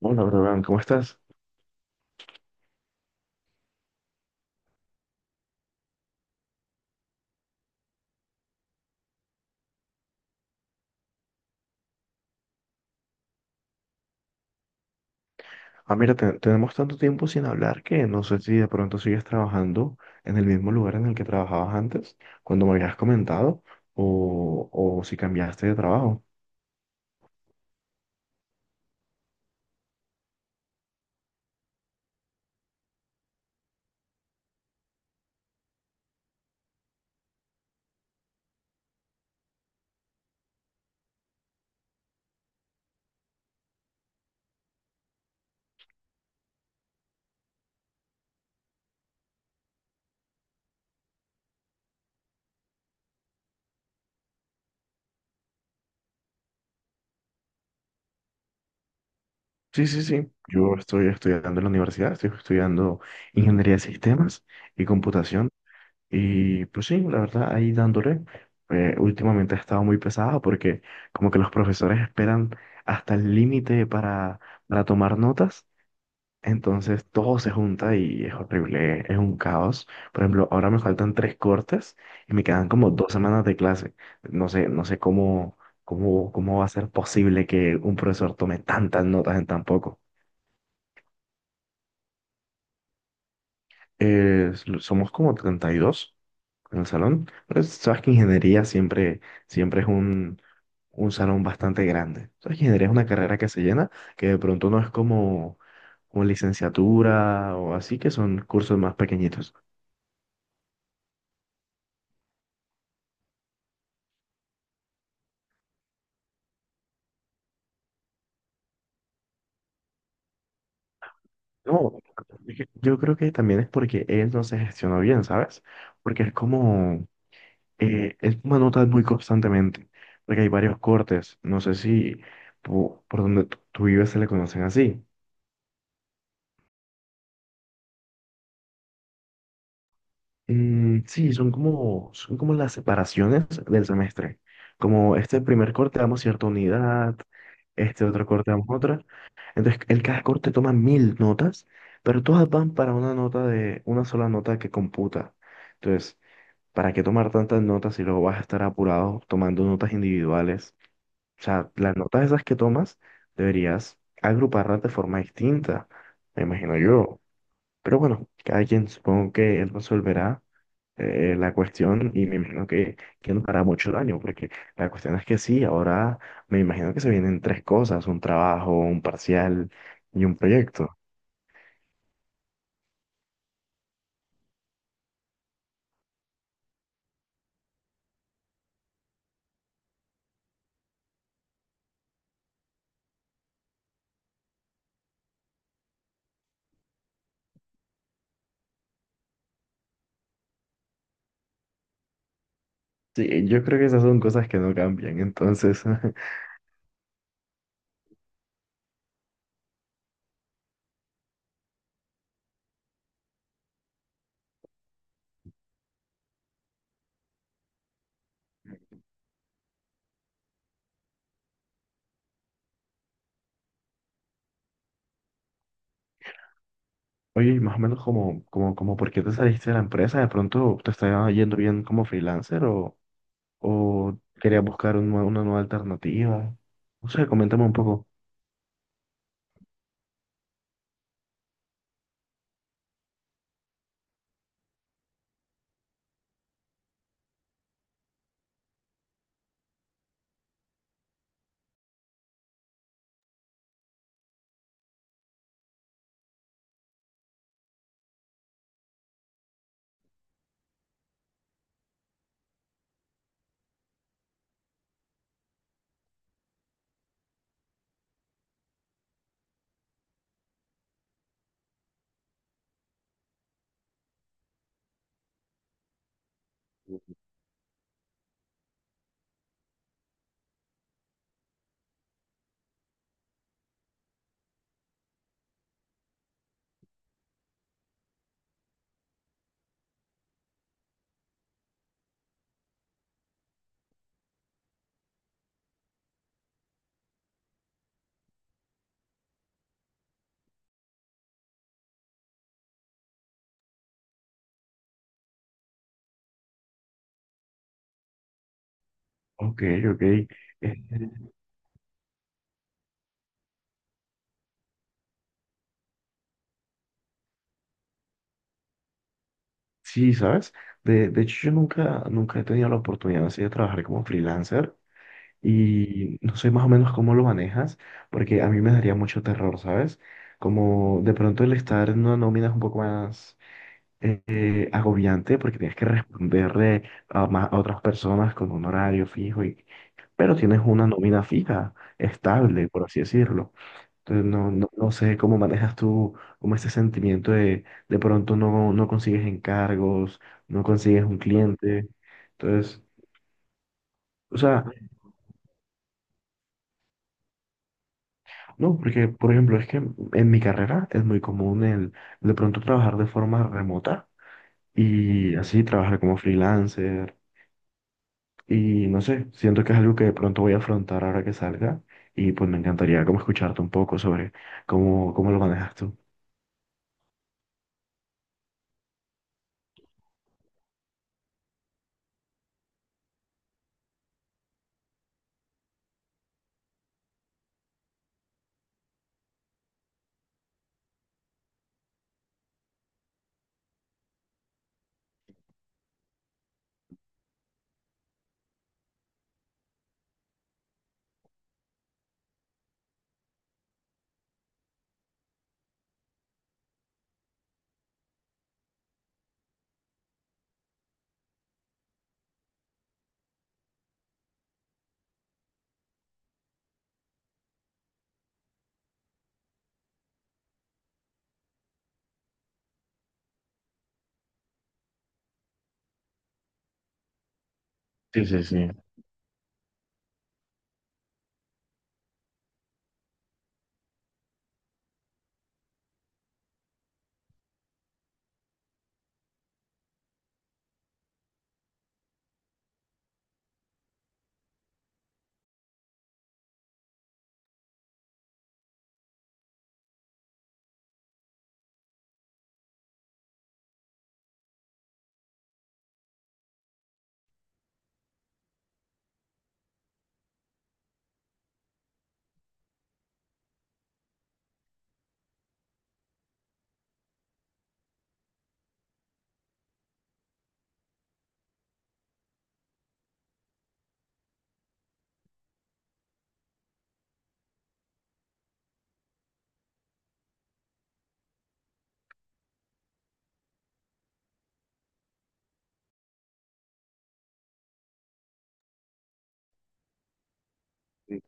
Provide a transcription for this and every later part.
Hola, Brogan, ¿cómo estás? Ah, mira, tenemos tanto tiempo sin hablar que no sé si de pronto sigues trabajando en el mismo lugar en el que trabajabas antes, cuando me habías comentado, o si cambiaste de trabajo. Sí, sí, sí. Yo estoy estudiando en la universidad, estoy estudiando ingeniería de sistemas y computación. Y pues sí, la verdad, ahí dándole. Últimamente ha estado muy pesado porque como que los profesores esperan hasta el límite para tomar notas. Entonces todo se junta y es horrible, es un caos. Por ejemplo, ahora me faltan tres cortes y me quedan como 2 semanas de clase. No sé, ¿cómo va a ser posible que un profesor tome tantas notas en tan poco? Somos como 32 en el salón, pero sabes que siempre es un salón bastante grande. Sabes que ingeniería es una carrera que se llena, que de pronto no es como licenciatura o así, que son cursos más pequeñitos. No, es que yo creo que también es porque él no se gestionó bien, ¿sabes? Porque es como, él toma notas muy constantemente, porque hay varios cortes, no sé si por donde tú vives se le conocen así. Mm, sí, son como las separaciones del semestre, como este primer corte damos cierta unidad, este otro corte damos otra, entonces en cada corte toma mil notas, pero todas van para una una sola nota que computa. Entonces, ¿para qué tomar tantas notas si luego vas a estar apurado tomando notas individuales? O sea, las notas esas que tomas deberías agruparlas de forma distinta, me imagino yo. Pero bueno, cada quien supongo que él resolverá la cuestión y me imagino que no hará mucho daño, porque la cuestión es que sí, ahora me imagino que se vienen tres cosas, un trabajo, un parcial y un proyecto. Sí, yo creo que esas son cosas que no cambian, entonces... Oye, y más o menos como por qué te saliste de la empresa, de pronto te estaba yendo bien como freelancer o querías buscar un una nueva alternativa. No sé, coméntame un poco. Ok, ok. Eh, sí, ¿sabes? De hecho, yo nunca, nunca he tenido la oportunidad así de trabajar como freelancer y no sé más o menos cómo lo manejas, porque a mí me daría mucho terror, ¿sabes? Como de pronto el estar en una nómina es un poco más... agobiante porque tienes que responderle a otras personas con un horario fijo, y, pero tienes una nómina fija, estable, por así decirlo. Entonces no sé cómo manejas tú como ese sentimiento de pronto no, no consigues encargos, no consigues un cliente. Entonces, o sea, no, porque por ejemplo es que en mi carrera es muy común el de pronto trabajar de forma remota. Y así trabajar como freelancer, y no sé, siento que es algo que de pronto voy a afrontar ahora que salga y pues me encantaría como escucharte un poco sobre cómo lo manejas tú. Sí, sí, sí.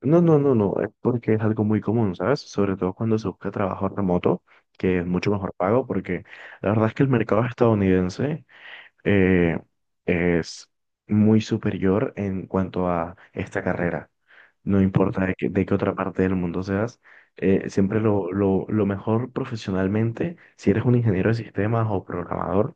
No, no, no, no, Es porque es algo muy común, ¿sabes? Sobre todo cuando se busca trabajo remoto, que es mucho mejor pago, porque la verdad es que el mercado estadounidense eh, es muy superior en cuanto a esta carrera. No importa de qué otra parte del mundo seas, lo mejor profesionalmente, si eres un ingeniero de sistemas o programador,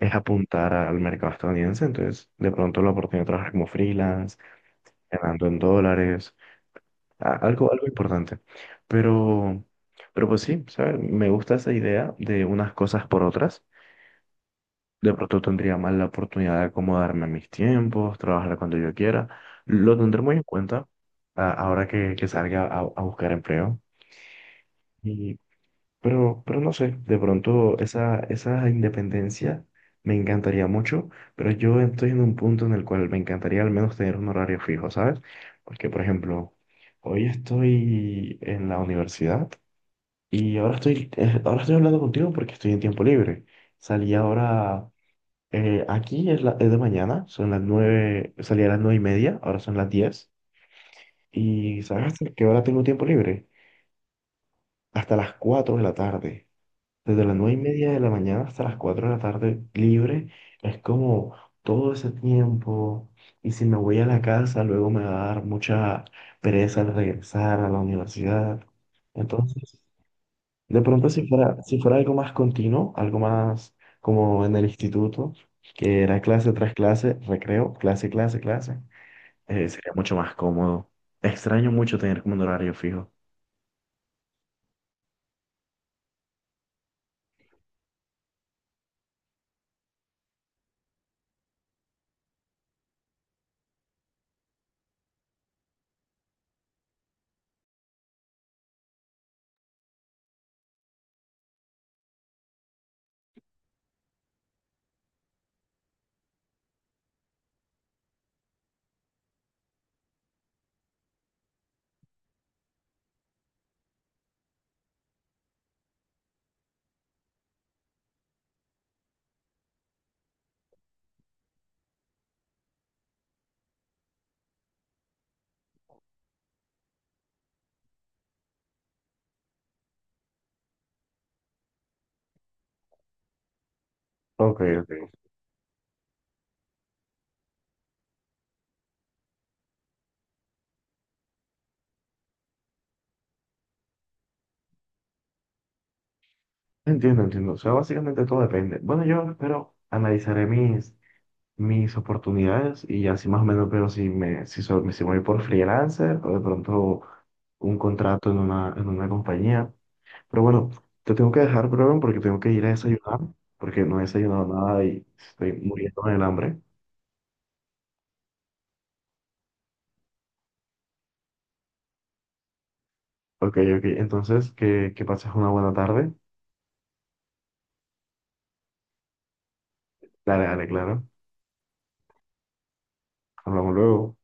es apuntar al mercado estadounidense. Entonces, de pronto la oportunidad de trabajar como freelance, ganando en dólares, algo, algo importante. Pero, pero pues sí, ¿sabes? Me gusta esa idea de unas cosas por otras. De pronto tendría más la oportunidad de acomodarme a mis tiempos, trabajar cuando yo quiera. Lo tendré muy en cuenta ahora que salga a buscar empleo. Y, pero no sé, de pronto esa independencia me encantaría mucho, pero yo estoy en un punto en el cual me encantaría al menos tener un horario fijo, ¿sabes? Porque, por ejemplo, hoy estoy en la universidad y ahora estoy hablando contigo porque estoy en tiempo libre. Salí ahora es de mañana, son las 9:00, salí a las 9:30, ahora son las 10:00. ¿Y sabes hasta qué hora tengo tiempo libre? Hasta las 4 de la tarde. Desde las 9:30 de la mañana hasta las cuatro de la tarde libre, es como todo ese tiempo. Y si me voy a la casa, luego me va a dar mucha pereza al regresar a la universidad. Entonces, de pronto, si fuera algo más continuo, algo más como en el instituto, que era clase tras clase, recreo, clase, clase, clase, sería mucho más cómodo. Extraño mucho tener como un horario fijo. Ok, ok. Entiendo, entiendo. O sea, básicamente todo depende. Bueno, yo espero, analizaré mis oportunidades y así más o menos veo si me, si, so- si voy por freelancer o de pronto un contrato en en una compañía. Pero bueno, te tengo que dejar, bro, porque tengo que ir a desayunar, porque no he desayunado nada y estoy muriendo del hambre. Ok, ok, entonces que pases una buena tarde. Dale, dale, claro. Hablamos luego.